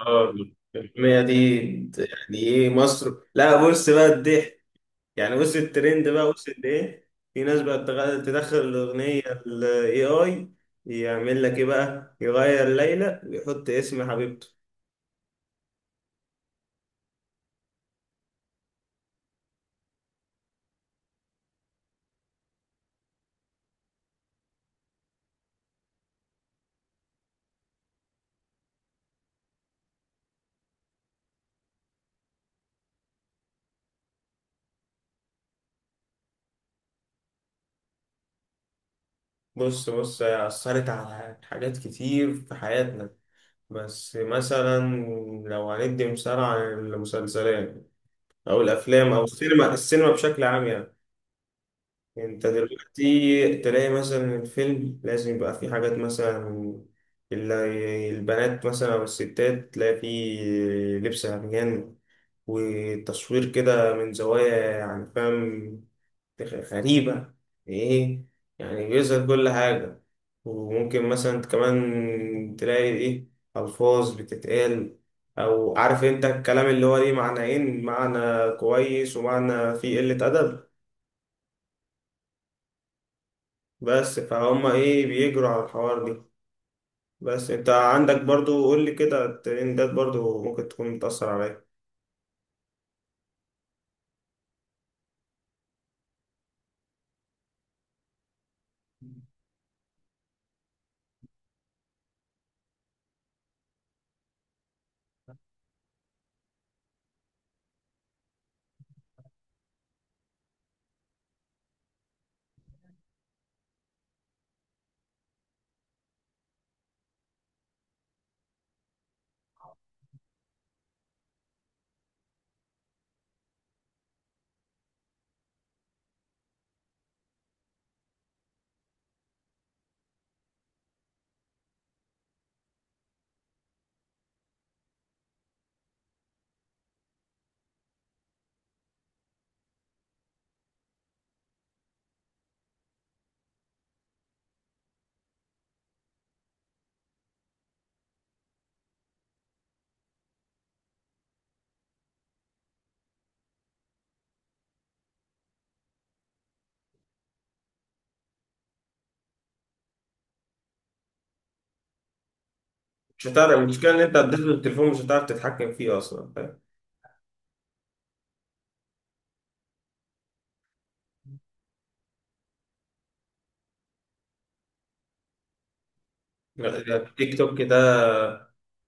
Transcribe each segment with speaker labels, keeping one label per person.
Speaker 1: اه التنمية دي يعني ايه مصر؟ لا، بص بقى الضحك. يعني بص الترند بقى وصل لايه؟ في ناس بقى تدخل الأغنية الاي اي، يعمل لك ايه بقى؟ يغير ليلى ويحط اسم حبيبته. بص هي أثرت على حاجات كتير في حياتنا، بس مثلا لو هندي مثال عن المسلسلات أو الأفلام أو السينما بشكل عام يعني. انت دلوقتي تلاقي مثلا الفيلم لازم يبقى فيه حاجات مثلا، البنات مثلا او الستات تلاقي فيه لبس عريان، وتصوير كده من زوايا يعني فاهم، غريبة، ايه، يعني بيظهر كل حاجة. وممكن مثلا كمان تلاقي ايه، ألفاظ بتتقال، أو عارف انت الكلام اللي هو ليه معنيين، معنى كويس ومعنى فيه قلة أدب، بس فهم ايه بيجروا على الحوار دي. بس انت عندك برضو، قول لي كده، الترندات برضو ممكن تكون بتأثر عليا؟ مش هتعرف، المشكلة ان انت هتدوس التليفون مش هتعرف تتحكم فيه اصلا، فاهم؟ تيك توك ده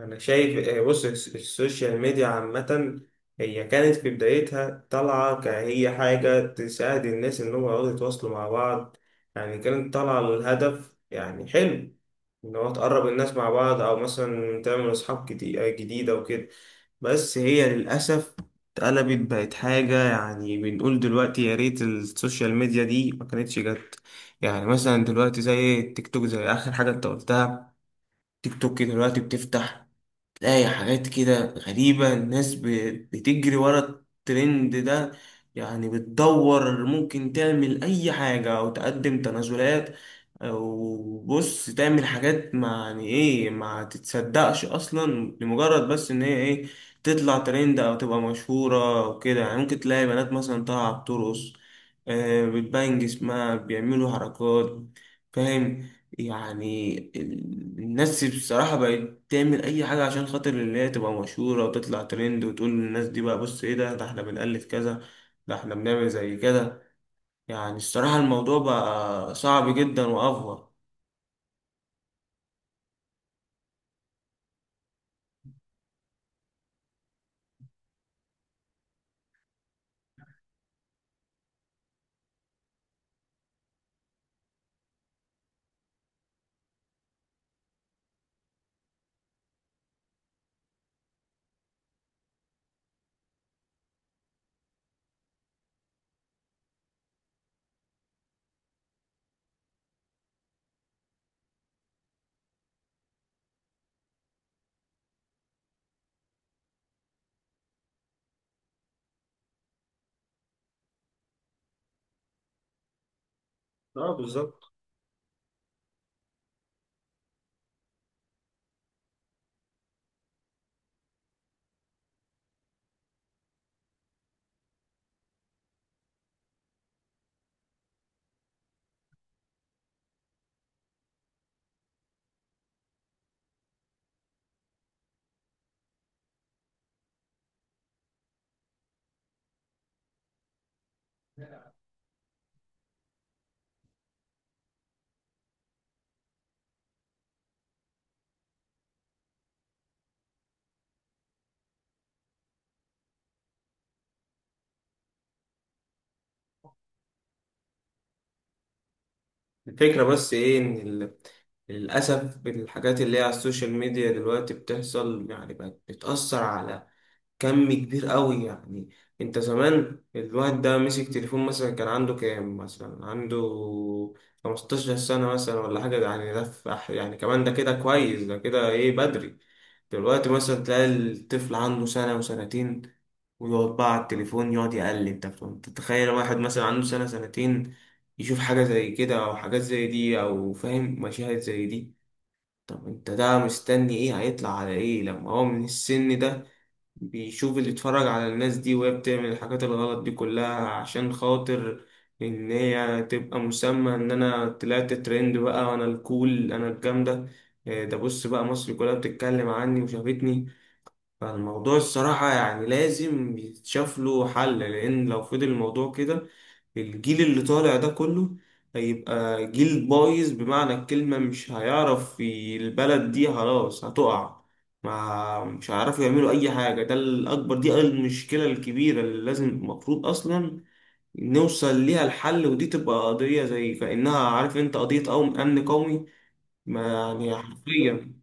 Speaker 1: أنا شايف آه. بص السوشيال ميديا عامة هي كانت في بدايتها طالعة كهي حاجة تساعد الناس إن هم يقعدوا يتواصلوا مع بعض. يعني كانت طالعة للهدف يعني حلو، إن هو تقرب الناس مع بعض أو مثلا تعمل أصحاب جديدة وكده. بس هي للأسف اتقلبت بقت حاجة يعني بنقول دلوقتي يا ريت السوشيال ميديا دي ما كانتش جت. يعني مثلا دلوقتي زي التيك توك، زي آخر حاجة أنت قلتها، تيك توك دلوقتي بتفتح تلاقي حاجات كده غريبة، الناس بتجري ورا الترند ده. يعني بتدور ممكن تعمل أي حاجة أو تقدم تنازلات، أو بص تعمل حاجات ما يعني إيه ما تتصدقش أصلا، لمجرد بس إن هي إيه، تطلع ترند أو تبقى مشهورة وكده. يعني ممكن تلاقي بنات مثلا طالعة بترقص آه، بتبان جسمها، بيعملوا حركات، فاهم؟ يعني الناس بصراحة بقت تعمل أي حاجة عشان خاطر اللي هي تبقى مشهورة وتطلع ترند، وتقول للناس دي بقى بص إيه ده، ده إحنا بنألف كذا، ده إحنا بنعمل زي كده. يعني الصراحة الموضوع بقى صعب جدا وأفور. اه بالظبط. الفكرة بس ايه ان للأسف الحاجات اللي هي على السوشيال ميديا دلوقتي بتحصل يعني بقت بتأثر على كم كبير قوي يعني. انت زمان الواحد ده مسك تليفون مثلا كان عنده كام، مثلا عنده 15 سنة مثلا ولا حاجة، ده يعني ده في يعني كمان ده كده كويس، ده كده ايه بدري. دلوقتي مثلا تلاقي الطفل عنده سنة وسنتين ويقعد بقى على التليفون يقعد يقلب. طب انت تتخيل واحد مثلا عنده سنة سنتين يشوف حاجة زي كده أو حاجات زي دي أو فاهم مشاهد زي دي؟ طب انت ده مستني ايه هيطلع على ايه لما هو من السن ده بيشوف، اللي اتفرج على الناس دي وهي بتعمل الحاجات الغلط دي كلها عشان خاطر ان هي تبقى مسمى ان انا طلعت ترند بقى، وانا الكول انا الجامدة، إيه ده بص بقى مصر كلها بتتكلم عني وشافتني. فالموضوع الصراحة يعني لازم يتشاف له حل، لان لو فضل الموضوع كده الجيل اللي طالع ده كله هيبقى جيل بايظ بمعنى الكلمة، مش هيعرف البلد دي خلاص هتقع، ما مش هيعرفوا يعملوا أي حاجة. ده الأكبر، دي المشكلة الكبيرة اللي لازم المفروض أصلا نوصل ليها الحل، ودي تبقى قضية زي كأنها، عارف أنت، قضية قوم أمن قومي، ما يعني حرفيا.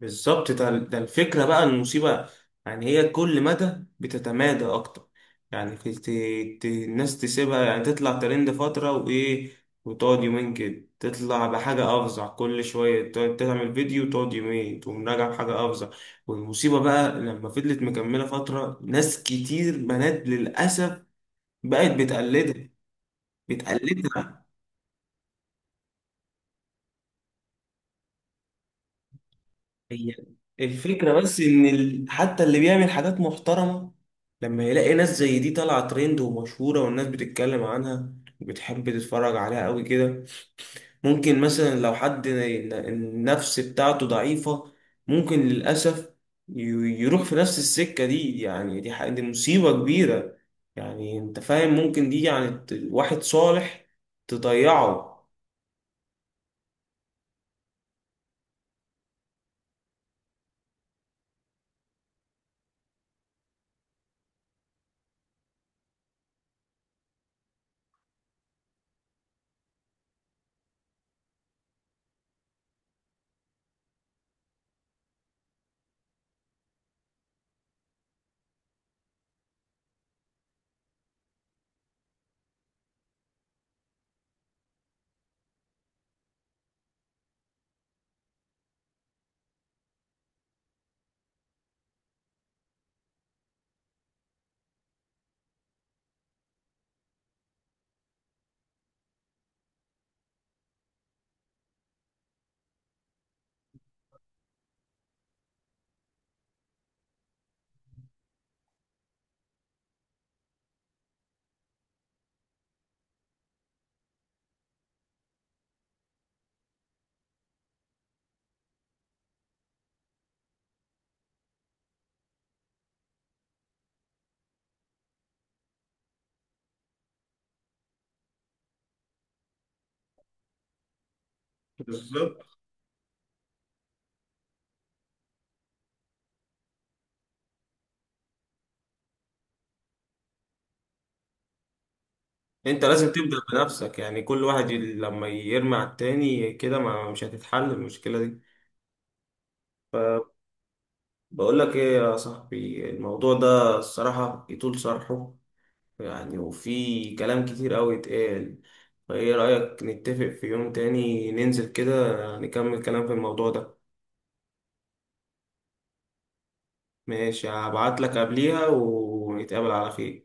Speaker 1: بالظبط، ده الفكرة بقى، المصيبة، يعني هي كل مدى بتتمادى أكتر. يعني الناس تسيبها يعني تطلع ترند فترة وإيه، وتقعد يومين كده تطلع بحاجة أفظع، كل شوية تعمل فيديو وتقعد يومين تقوم راجع بحاجة أفظع. والمصيبة بقى لما فضلت مكملة فترة، ناس كتير بنات للأسف بقت بتقلدها، بتقلدها. هي الفكرة بس إن حتى اللي بيعمل حاجات محترمة لما يلاقي ناس زي دي طالعة ترند ومشهورة والناس بتتكلم عنها وبتحب تتفرج عليها قوي كده، ممكن مثلا لو حد النفس بتاعته ضعيفة ممكن للأسف ي- يروح في نفس السكة دي. يعني دي، دي مصيبة كبيرة. يعني أنت فاهم ممكن دي يعني واحد صالح تضيعه. بالظبط. انت لازم تبدأ بنفسك، يعني كل واحد لما يرمي على التاني كده ما مش هتتحل المشكلة دي. بقول لك ايه يا صاحبي، الموضوع ده الصراحة يطول شرحه، يعني وفي كلام كتير قوي اتقال، فايه رأيك نتفق في يوم تاني ننزل كده نكمل كلام في الموضوع ده؟ ماشي، هبعت لك قبليها ونتقابل على خير.